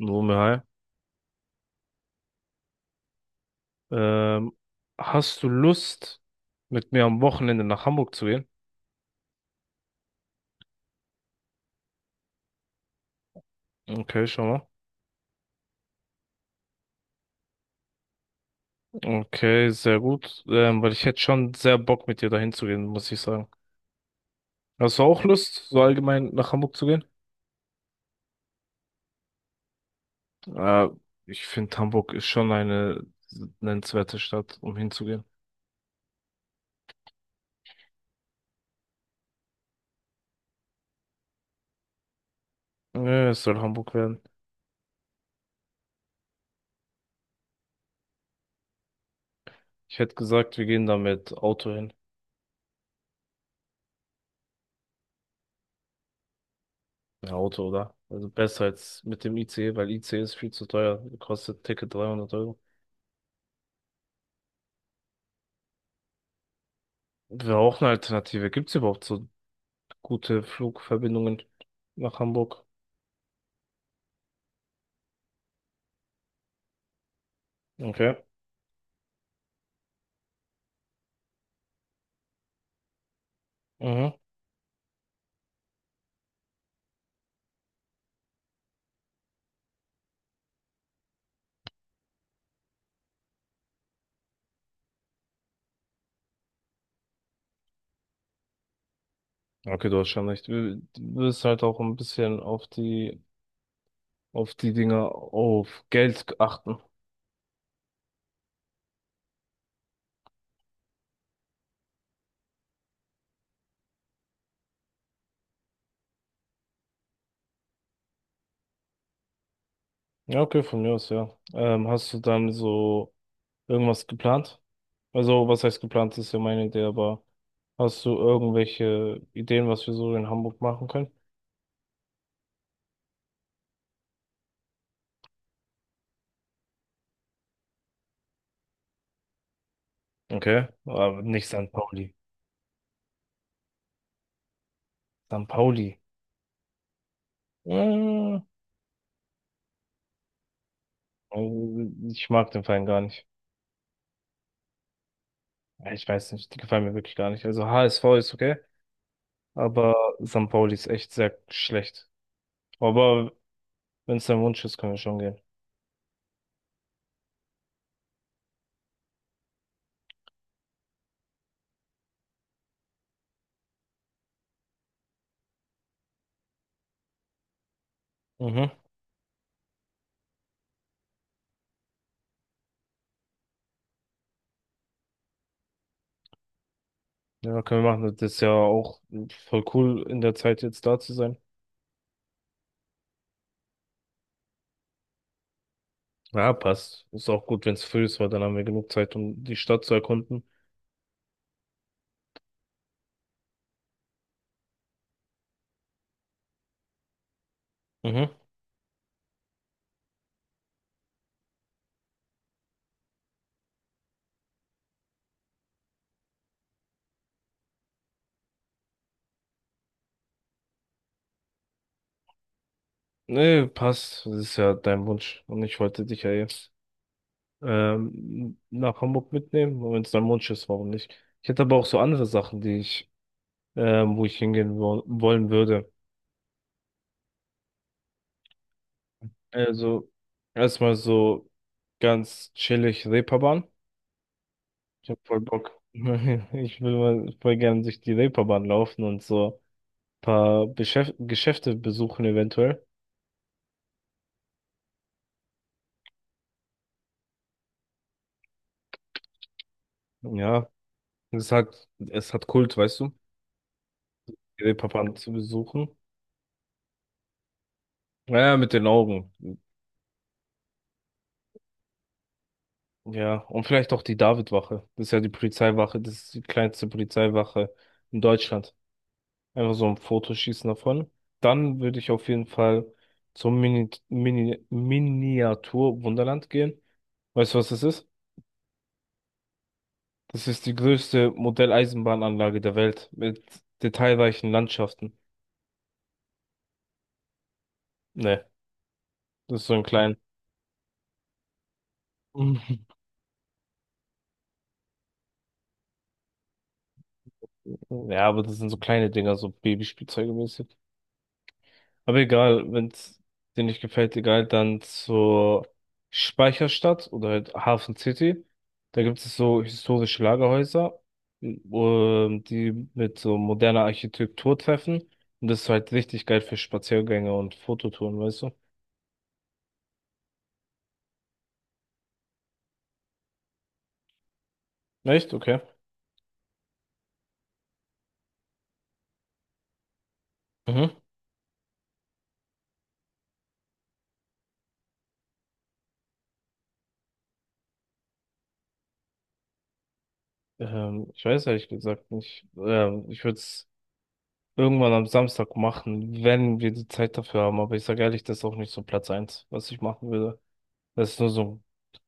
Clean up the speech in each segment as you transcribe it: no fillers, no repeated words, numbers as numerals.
Wumme, hi. Ähm, hast du Lust, mit mir am Wochenende nach Hamburg zu gehen? Okay, schau mal. Okay, sehr gut. Weil ich hätte schon sehr Bock, mit dir dahin zu gehen, muss ich sagen. Hast du auch Lust, so allgemein nach Hamburg zu gehen? Äh, ich finde, Hamburg ist schon eine nennenswerte Stadt, um hinzugehen. Ja, es soll Hamburg werden. Ich hätte gesagt, wir gehen da mit Auto hin. Ja, Auto, oder? Also besser als mit dem ICE, weil ICE ist viel zu teuer. Kostet Ticket 300 Euro. Wäre auch eine Alternative. Gibt es überhaupt so gute Flugverbindungen nach Hamburg? Okay. Mhm. Okay, du hast schon recht. Du wirst halt auch ein bisschen auf die Dinge, auf Geld achten. Ja, okay, von mir aus, ja. Hast du dann so irgendwas geplant? Also, was heißt geplant, ist ja meine Idee, aber hast du irgendwelche Ideen, was wir so in Hamburg machen können? Okay, aber nicht St. Pauli. St. Pauli. Äh, also ich mag den Verein gar nicht. Ja, ich weiß nicht, die gefallen mir wirklich gar nicht. Also HSV ist okay, aber St. Pauli ist echt sehr schlecht. Aber wenn es dein Wunsch ist, können wir schon gehen. Mhm. Ja, können wir machen. Das ist ja auch voll cool, in der Zeit jetzt da zu sein. Ja, passt. Ist auch gut, wenn es früh ist, weil dann haben wir genug Zeit, um die Stadt zu erkunden. Mhm. Nee, passt. Das ist ja dein Wunsch. Und ich wollte dich ja jetzt nach Hamburg mitnehmen. Und wenn es dein Wunsch ist, warum nicht? Ich hätte aber auch so andere Sachen, die ich, wo ich hingehen wo wollen würde. Also, erstmal so ganz chillig Reeperbahn. Ich hab voll Bock. Ich will mal voll gern durch die Reeperbahn laufen und so ein paar Beschäf Geschäfte besuchen eventuell. Ja, es hat Kult, weißt du, die Reeperbahn zu besuchen. Naja, mit den Augen. Ja, und vielleicht auch die Davidwache. Das ist ja die Polizeiwache, das ist die kleinste Polizeiwache in Deutschland. Einfach so ein Foto schießen davon. Dann würde ich auf jeden Fall zum Miniatur Wunderland gehen. Weißt du, was das ist? Das ist die größte Modelleisenbahnanlage der Welt mit detailreichen Landschaften. Ne, das ist so ein klein. Ja, aber das sind so kleine Dinger, so Babyspielzeuge mäßig. Aber egal, wenn es dir nicht gefällt, egal, dann zur Speicherstadt oder halt Hafen City. Da gibt es so historische Lagerhäuser, die mit so moderner Architektur treffen. Und das ist halt richtig geil für Spaziergänge und Fototouren, weißt du? Echt? Okay. Mhm. Ich weiß ehrlich gesagt nicht. Ich würde es irgendwann am Samstag machen, wenn wir die Zeit dafür haben. Aber ich sage ehrlich, das ist auch nicht so Platz eins, was ich machen würde. Das ist nur so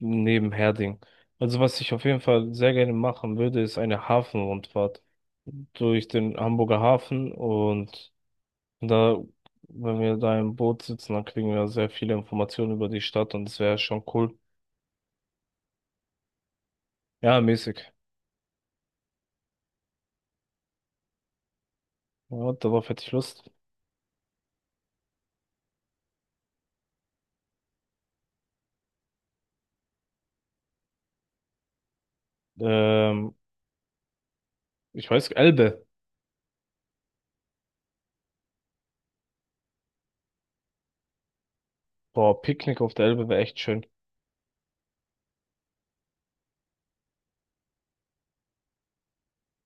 ein Nebenherding. Also was ich auf jeden Fall sehr gerne machen würde, ist eine Hafenrundfahrt durch den Hamburger Hafen und da, wenn wir da im Boot sitzen, dann kriegen wir sehr viele Informationen über die Stadt und das wäre schon cool. Ja, mäßig. Ja, darauf hätte ich Lust. Ähm, ich weiß, Elbe. Boah, Picknick auf der Elbe wäre echt schön.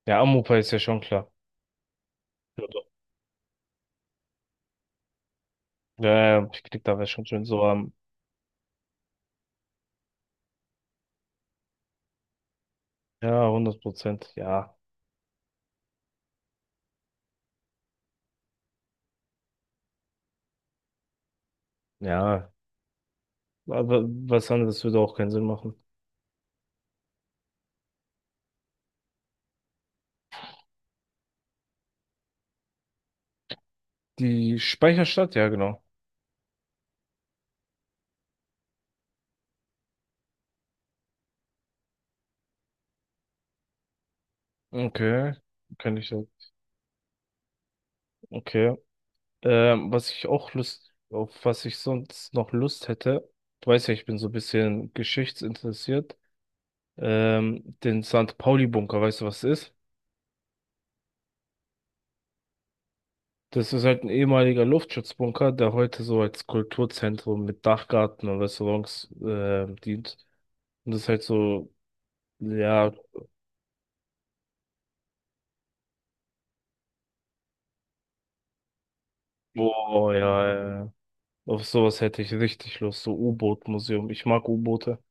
Ja, Amopa ist ja schon klar. Ja, doch. Ja, ja, Picknick da wäre schon schön. So am, ja, 100%. Ja, ja. Aber was anderes würde auch keinen Sinn machen. Die Speicherstadt, ja, genau. Okay, kann ich. Okay. Was ich auch Lust, auf was ich sonst noch Lust hätte, du weißt ja, ich bin so ein bisschen geschichtsinteressiert. Den St. Pauli-Bunker, weißt du, was das ist? Das ist halt ein ehemaliger Luftschutzbunker, der heute so als Kulturzentrum mit Dachgarten und Restaurants dient. Und das ist halt so, ja, oh ja, ja. Auf sowas hätte ich richtig Lust, so U-Boot-Museum. Ich mag U-Boote.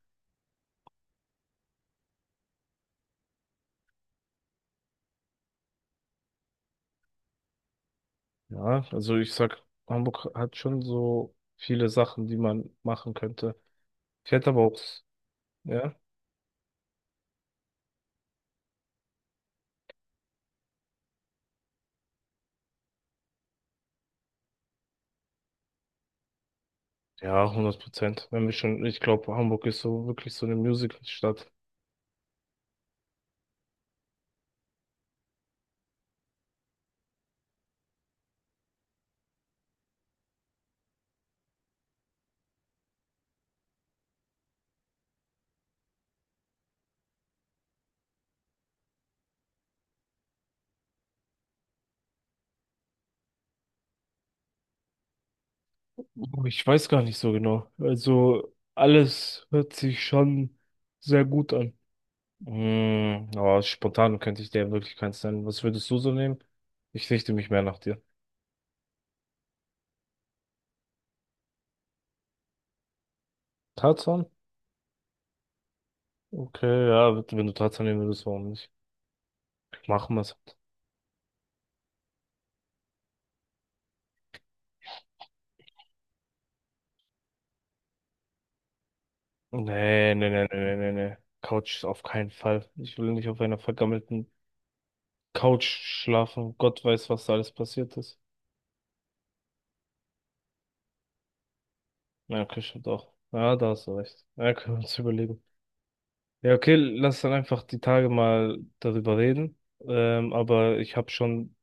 Ja, also ich sag, Hamburg hat schon so viele Sachen, die man machen könnte. Ich hätte aber auch, ja, ja, 100%. Wenn wir schon, ich glaube, Hamburg ist so wirklich so eine Musical-Stadt. Oh, ich weiß gar nicht so genau. Also alles hört sich schon sehr gut an. Aber spontan könnte ich dir wirklich keins nennen. Was würdest du so nehmen? Ich richte mich mehr nach dir. Tarzan? Okay, ja, wenn du trotzdem nehmen würdest, warum nicht? Machen wir's. Nee, nee, nee, nee, nee, nee. Couch ist auf keinen Fall. Ich will nicht auf einer vergammelten Couch schlafen. Gott weiß, was da alles passiert ist. Ja, okay, stimmt auch. Ja, da hast du recht. Ja, können wir uns überlegen. Ja, okay, lass dann einfach die Tage mal darüber reden. Aber ich habe schon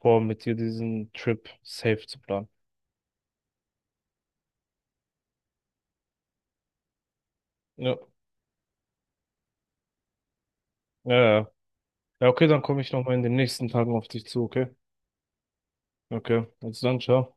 vor, mit dir diesen Trip safe zu planen. Ja, ja, ja. Ja, okay, dann komme ich nochmal in den nächsten Tagen auf dich zu, okay? Okay, also dann, ciao.